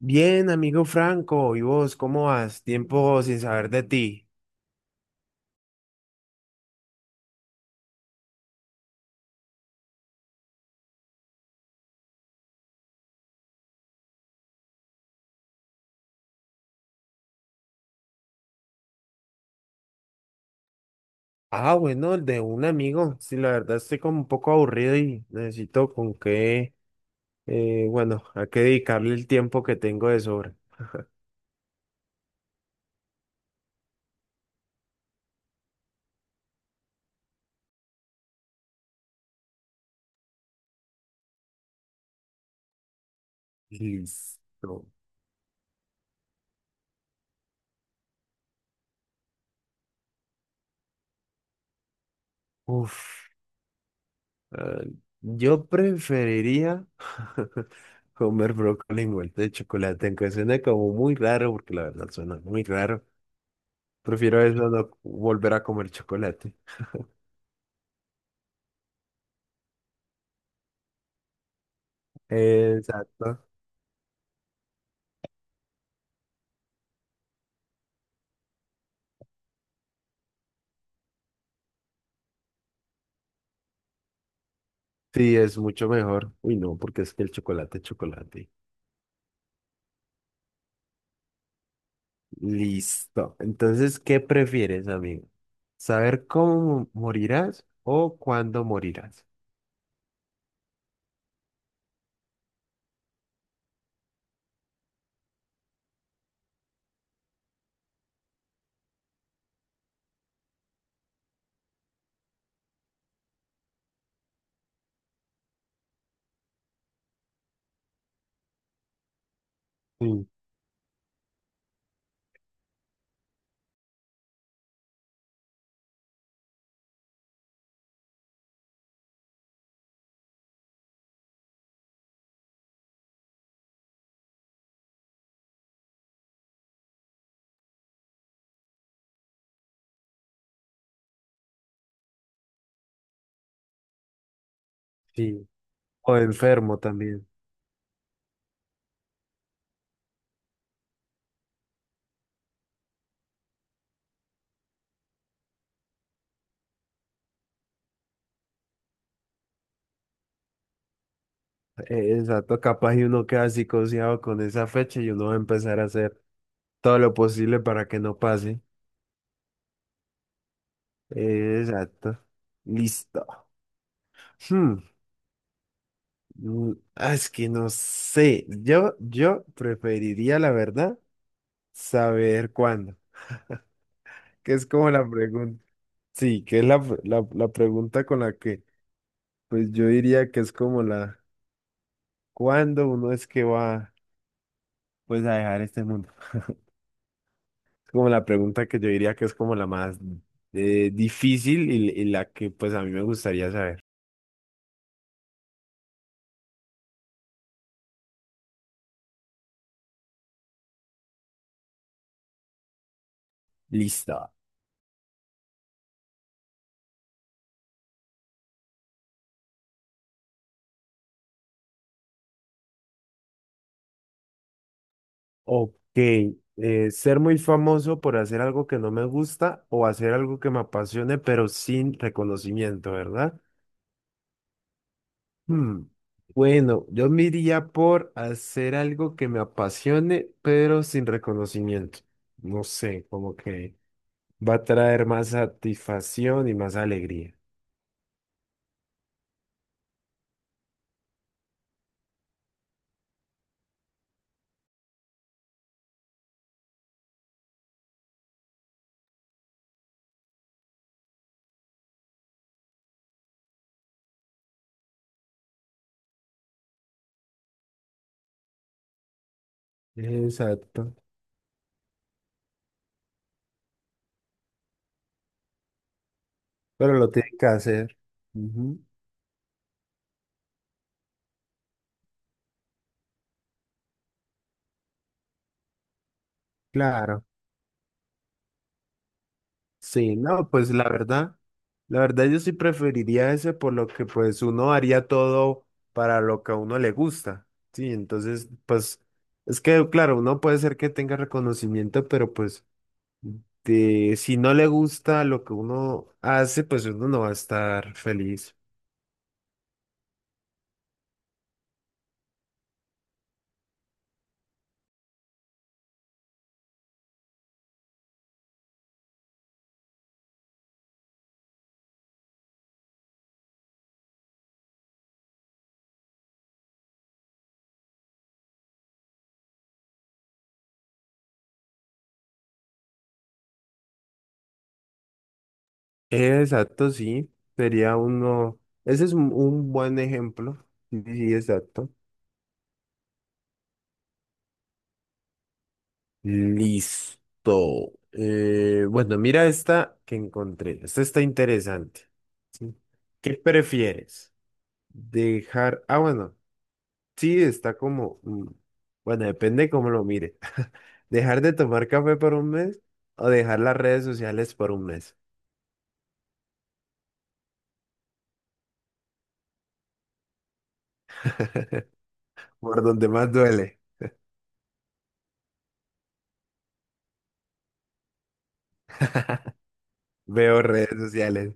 Bien, amigo Franco, ¿y vos cómo vas? Tiempo sin saber de ti. Ah, bueno, el de un amigo. Sí, la verdad estoy como un poco aburrido y necesito a qué dedicarle el tiempo que tengo de sobra. Listo. Uf, ah, yo preferiría comer brócoli envuelto de chocolate, aunque suena como muy raro, porque la verdad suena muy raro. Prefiero eso, no volver a comer chocolate. Exacto. Sí, es mucho mejor. Uy, no, porque es que el chocolate es chocolate. Listo. Entonces, ¿qué prefieres, amigo? ¿Saber cómo morirás o cuándo morirás? Sí, sí. O enfermo también. Exacto, capaz y uno queda psicoseado con esa fecha y uno va a empezar a hacer todo lo posible para que no pase. Exacto. Listo. Hmm, Es que no sé. Yo preferiría, la verdad, saber cuándo. Que es como la pregunta. Sí, que es la pregunta con pues yo diría que es como la, ¿cuándo uno es que va, pues, a dejar este mundo? Es como la pregunta que yo diría que es como la más difícil y la que, pues, a mí me gustaría saber. Listo. Ok. Ser muy famoso por hacer algo que no me gusta o hacer algo que me apasione, pero sin reconocimiento, ¿verdad? Hmm, Bueno, yo me iría por hacer algo que me apasione, pero sin reconocimiento. No sé, como que va a traer más satisfacción y más alegría. Exacto. Pero lo tiene que hacer. Ujú. Claro. Sí, no, pues la verdad yo sí preferiría ese por lo que pues uno haría todo para lo que a uno le gusta. Sí, entonces, pues es que claro, uno puede ser que tenga reconocimiento, pero pues... Este, si no le gusta lo que uno hace, pues uno no va a estar feliz. Exacto, sí. Sería uno. Ese es un buen ejemplo. Sí, sí, exacto. Listo. Bueno, mira esta que encontré. Esta está interesante. ¿Qué prefieres? Dejar. Ah, bueno. Sí, está como. Bueno, depende cómo lo mire. ¿Dejar de tomar café por un mes o dejar las redes sociales por un mes? Por donde más duele. Veo redes sociales.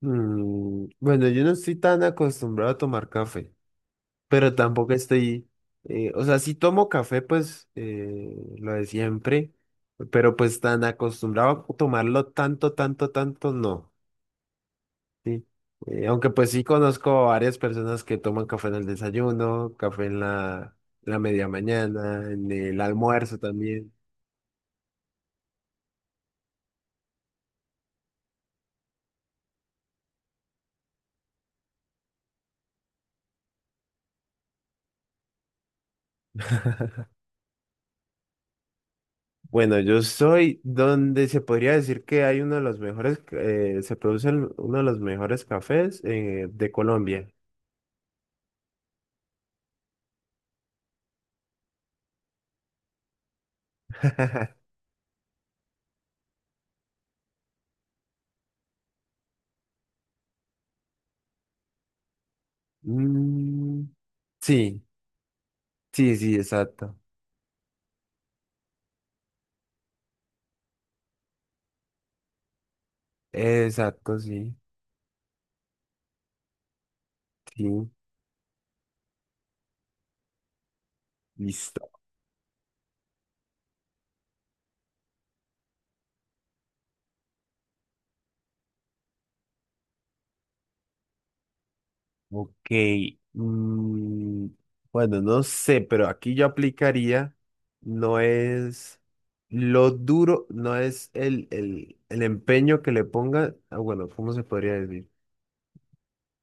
Mm, bueno, yo no estoy tan acostumbrado a tomar café, pero tampoco estoy, o sea, si tomo café, pues lo de siempre, pero pues tan acostumbrado a tomarlo tanto, tanto, tanto, no. ¿Sí? Aunque pues sí conozco varias personas que toman café en el desayuno, café en la media mañana, en el almuerzo también. Bueno, yo soy donde se podría decir que hay uno de los mejores, uno de los mejores cafés de Colombia. Mm, sí, sí, sí, exacto. Exacto, sí, sí, listo. Ok. mm, bueno, no sé, pero aquí yo aplicaría, no es lo duro, no es el empeño que le ponga, ah, bueno, ¿cómo se podría decir?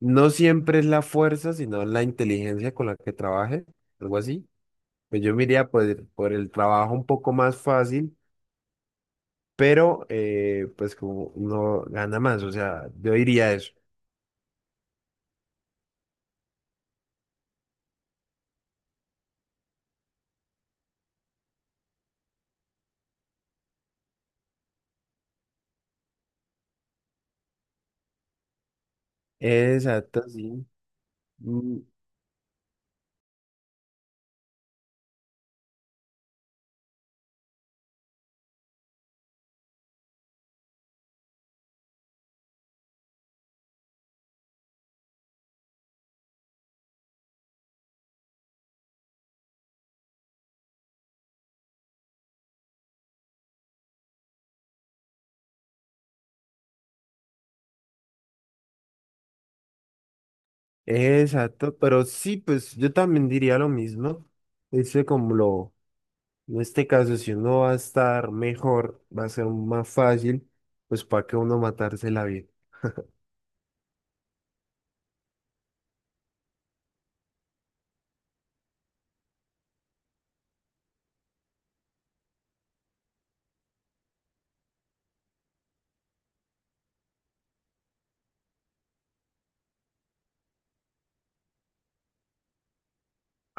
No siempre es la fuerza, sino la inteligencia con la que trabaje, algo así. Pues yo me iría por el trabajo un poco más fácil, pero pues como uno gana más, o sea, yo diría eso. Exacto, sí. Mm, Exacto, pero sí, pues yo también diría lo mismo. Dice como lo, en este caso, si uno va a estar mejor, va a ser más fácil, pues para que uno matarse la vida.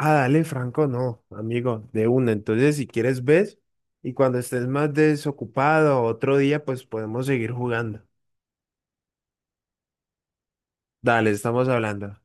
Ah, dale, Franco, no, amigo, de una. Entonces, si quieres, ves y cuando estés más desocupado otro día, pues podemos seguir jugando. Dale, estamos hablando.